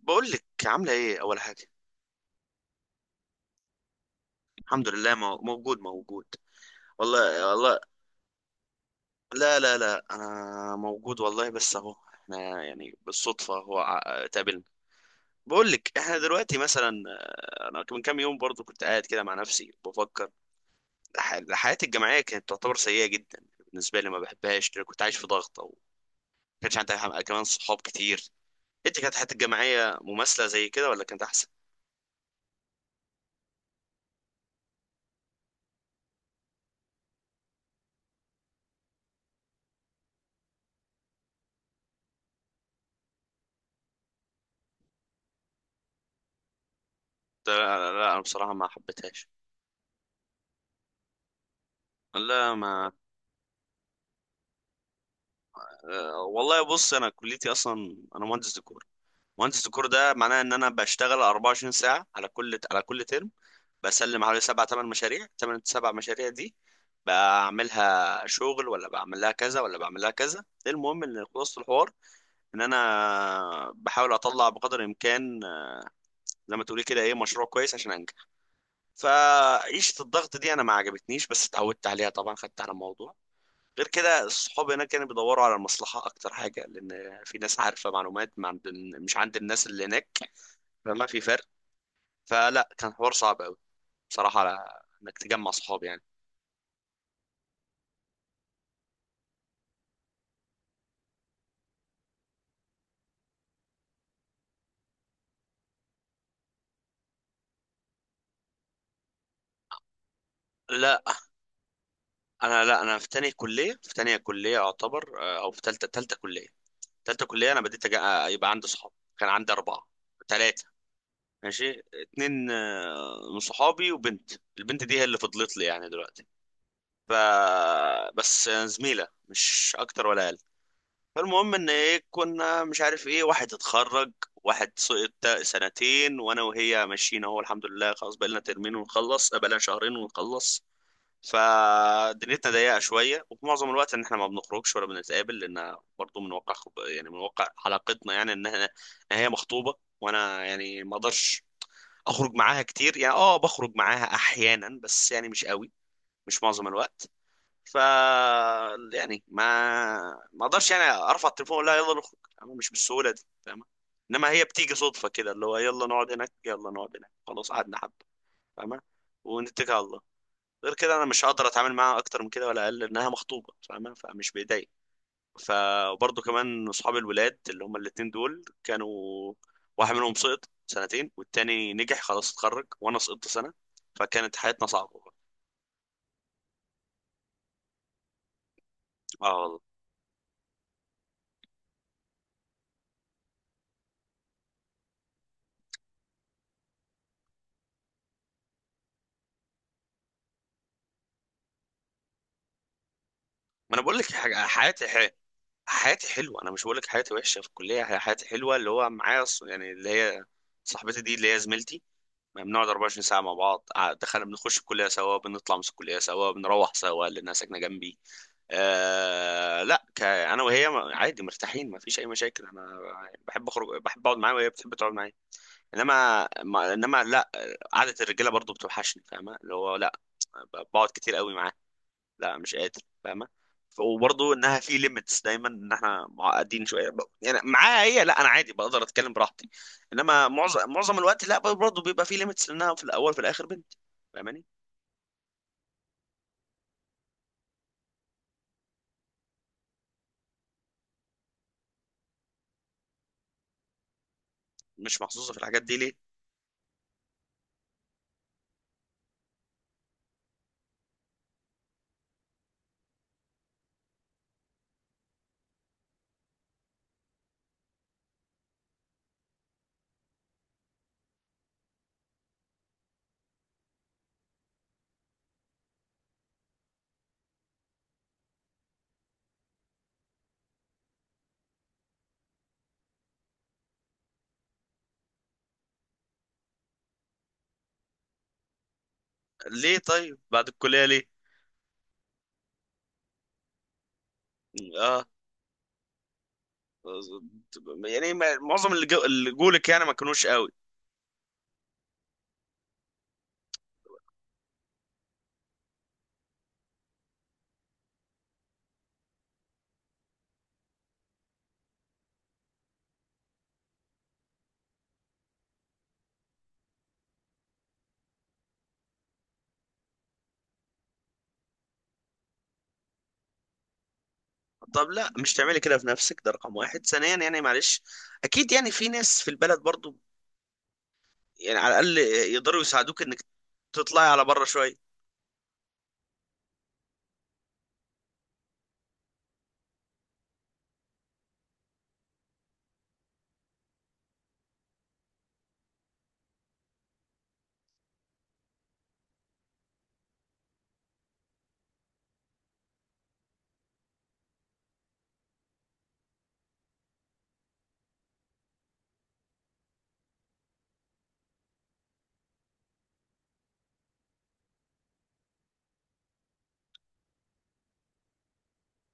بقول لك عامله ايه اول حاجه. الحمد لله، موجود موجود. والله والله. لا لا لا، انا موجود والله، بس اهو احنا يعني بالصدفه تقابلنا. بقول لك احنا دلوقتي مثلا، انا من كام يوم برضو كنت قاعد كده مع نفسي بفكر. حياتي الجامعيه كانت تعتبر سيئه جدا بالنسبه لي، ما بحبهاش لأن كنت عايش في ضغط، او ما كانش عندي كمان صحاب كتير. انت كانت حياتك الجامعيه مماثله زي كده ولا كانت احسن؟ لا لا، انا بصراحه ما حبيتهاش. لا ما. آه، والله بص، انا كليتي اصلا انا مهندس ديكور. مهندس ديكور ده معناه ان انا بشتغل 24 ساعه على كل ترم. بسلم حوالي سبع ثمان مشاريع، ثمان سبع مشاريع دي بعملها شغل، ولا بعمل لها كذا ولا بعمل لها كذا. المهم ان خلاصه الحوار ان انا بحاول اطلع بقدر الامكان، آه، زي ما تقولي كده، ايه، مشروع كويس عشان انجح. فعيشه الضغط دي انا ما عجبتنيش، بس اتعودت عليها طبعا، خدت على الموضوع. غير كده، الصحاب هناك كانوا بيدوروا على المصلحة أكتر حاجة، لأن في ناس عارفة معلومات ما عند، مش عند الناس اللي هناك، فما في فرق. فلا، كان حوار صعب أوي بصراحة على إنك تجمع صحاب يعني. لا. أنا في تانية كلية، في تانية كلية أعتبر، آه، أو في تالتة، تالتة كلية، تالتة كلية أنا آه، يبقى عندي صحاب. كان عندي أربعة، تلاتة، ماشي اتنين، آه، من صحابي وبنت. البنت دي هي اللي فضلت لي يعني دلوقتي. ف، بس آه، زميلة، مش أكتر ولا أقل. فالمهم ان ايه، كنا مش عارف ايه، واحد اتخرج، واحد سقط سنتين، وانا وهي ماشيين اهو الحمد لله، خلاص بقالنا ترمين ونخلص، بقالنا شهرين ونخلص. فدنيتنا ضيقه شويه، وفي معظم الوقت ان احنا ما بنخرجش ولا بنتقابل، لان برضه من واقع خب... يعني من واقع علاقتنا، يعني ان إن هي مخطوبه، وانا يعني ما اقدرش اخرج معاها كتير، يعني اه بخرج معاها احيانا، بس يعني مش قوي، مش معظم الوقت. ف يعني ما ما اقدرش يعني ارفع التليفون ولا يلا نخرج، انا مش بالسهوله دي، فاهمه؟ انما هي بتيجي صدفه كده، اللي هو يلا نقعد هناك، يلا نقعد هناك، خلاص قعدنا حبه، فاهمه؟ ونتكل على الله. غير كده انا مش هقدر اتعامل معاها اكتر من كده ولا اقل، لانها مخطوبه فاهمه، فمش بايديا. فبرضه كمان اصحاب الولاد اللي هم الاتنين دول كانوا، واحد منهم سقط سنتين والتاني نجح خلاص اتخرج، وانا سقطت سنه، فكانت حياتنا صعبه. اه والله. ما انا بقول لك حاجه، حياتي، حياتي حلوه، انا مش بقول لك حياتي وحشه في الكليه، هي حياتي حلوه، اللي هو معايا يعني اللي هي صاحبتي دي اللي هي زميلتي، ما بنقعد 24 ساعه مع بعض، دخلنا بنخش الكليه سوا، بنطلع من الكليه سوا، بنروح سوا لانها ساكنه جنبي. آه لا، انا وهي عادي مرتاحين، ما فيش اي مشاكل، انا بحب اخرج، بحب اقعد معاها وهي بتحب تقعد معايا، انما لا، قعده الرجاله برضو بتوحشني، فاهمه؟ اللي هو لا، بقعد كتير قوي معاها، لا مش قادر، فاهمه؟ وبرضه انها في ليميتس دايما، ان احنا معقدين شويه، يعني معاها هي لا، انا عادي بقدر اتكلم براحتي، انما معظم الوقت لا، برضه بيبقى في ليميتس، لانها في الاول في الاخر بنت، فاهماني؟ مش محظوظه في الحاجات دي ليه؟ ليه طيب بعد الكليه ليه؟ اه، يعني معظم اللي جولك يعني ما كانوش قوي؟ طب لا، مش تعملي كده في نفسك، ده رقم واحد. ثانيا، يعني معلش، اكيد يعني في ناس في البلد برضو، يعني على الاقل يقدروا يساعدوك انك تطلعي على بره شويه.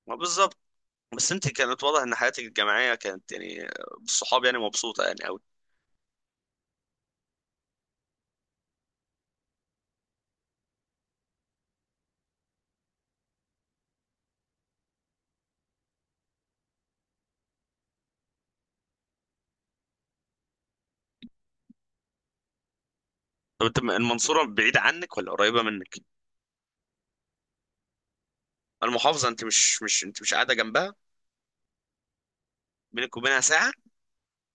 ما بالظبط. بس انت كانت واضح ان حياتك الجامعيه كانت يعني بالصحاب يعني مبسوطه يعني قوي. طب انت المنصوره بعيده عنك ولا قريبه منك؟ المحافظه، انت مش مش انت مش قاعده جنبها؟ بينك وبينها ساعه.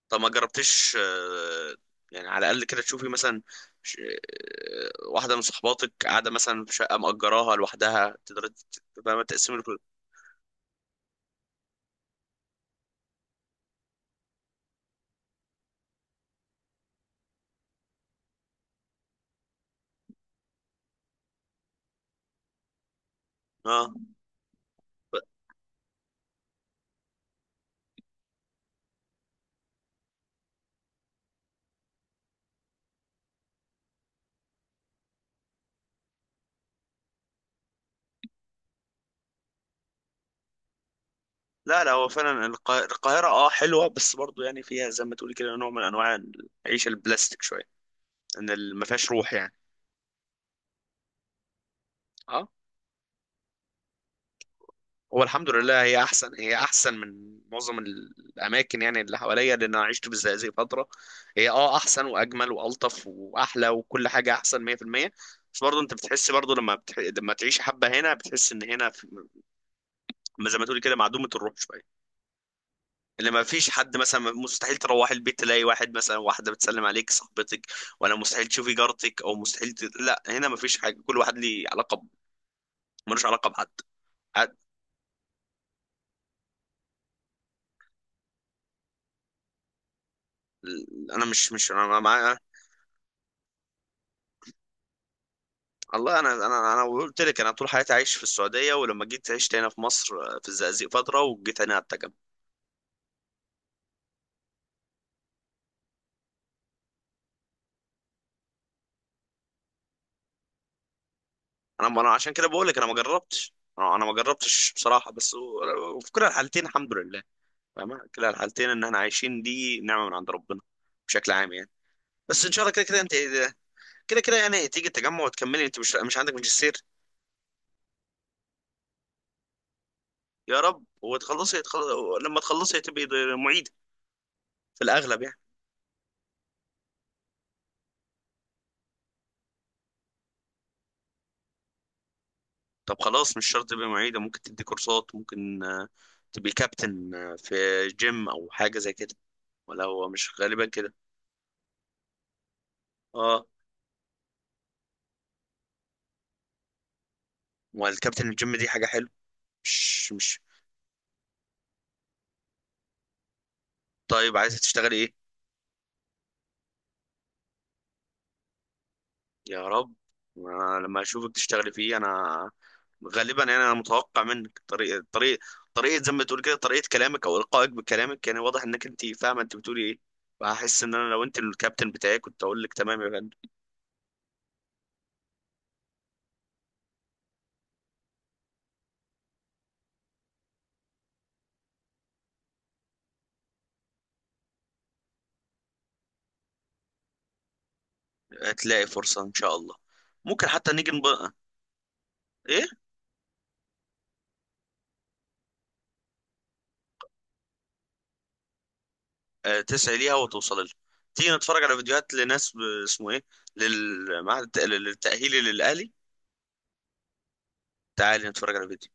طب ما جربتيش، آه، يعني على الاقل كده تشوفي مثلا، آه، واحده من صحباتك قاعده مثلا في شقه مأجراها لوحدها، تقدر تبقى تقسم الكل. اه. لا لا، هو فعلا القاهره اه حلوه، بس برضو يعني فيها زي ما تقولي كده نوع من انواع العيشه البلاستيك شويه، ما فيهاش روح يعني. اه. هو الحمد لله هي احسن، هي احسن من معظم الاماكن يعني اللي حواليا، لان انا عشت في الزقازيق فتره، هي اه احسن واجمل والطف واحلى وكل حاجه احسن 100%. بس برضه انت بتحس برضه لما تعيش حبه هنا بتحس ان زي ما تقول كده معدومه الروح شويه، اللي ما فيش حد، مثلا مستحيل تروح البيت تلاقي واحد، مثلا واحده بتسلم عليك صاحبتك، ولا مستحيل تشوفي جارتك، او لا هنا ما فيش حاجه، كل واحد ليه علاقه ملوش علاقه بحد. عاد- انا مش مش انا، والله انا انا قلت لك انا طول حياتي عايش في السعوديه، ولما جيت عشت هنا في مصر، آه، في الزقازيق فتره، وجيت هنا على التجمع. انا عشان كده بقول لك انا ما جربتش، انا ما جربتش بصراحه، بس وفي كلا الحالتين الحمد لله، فاهمة؟ كلا الحالتين ان احنا عايشين دي نعمه من عند ربنا، بشكل عام يعني. بس ان شاء الله كده كده انت، كده كده يعني تيجي التجمع وتكملي، انت مش مش عندك ماجستير؟ يا رب وتخلصي لما تخلصي تبقي معيد في الاغلب يعني. طب خلاص مش شرط تبقى معيدة، ممكن تدي كورسات، ممكن آه، تبقي كابتن، آه، في جيم أو حاجة زي كده، ولا هو مش غالبا كده؟ اه، والكابتن الجيم دي حاجة حلوة، مش. طيب عايزة تشتغلي ايه؟ يا رب. أنا لما أشوفك تشتغلي فيه أنا غالبا يعني أنا متوقع منك طريقة زي ما بتقول كده، طريقة كلامك أو إلقائك بكلامك يعني واضح إنك أنت فاهمة أنت بتقولي ايه، فهحس إن أنا لو أنت الكابتن بتاعي كنت أقول لك تمام يا فندم. هتلاقي فرصة إن شاء الله، ممكن حتى ايه. آه تسعي ليها وتوصل لها. تيجي نتفرج على فيديوهات لناس اسمه ايه، للتأهيلي، للأهلي. تعالي نتفرج على فيديو.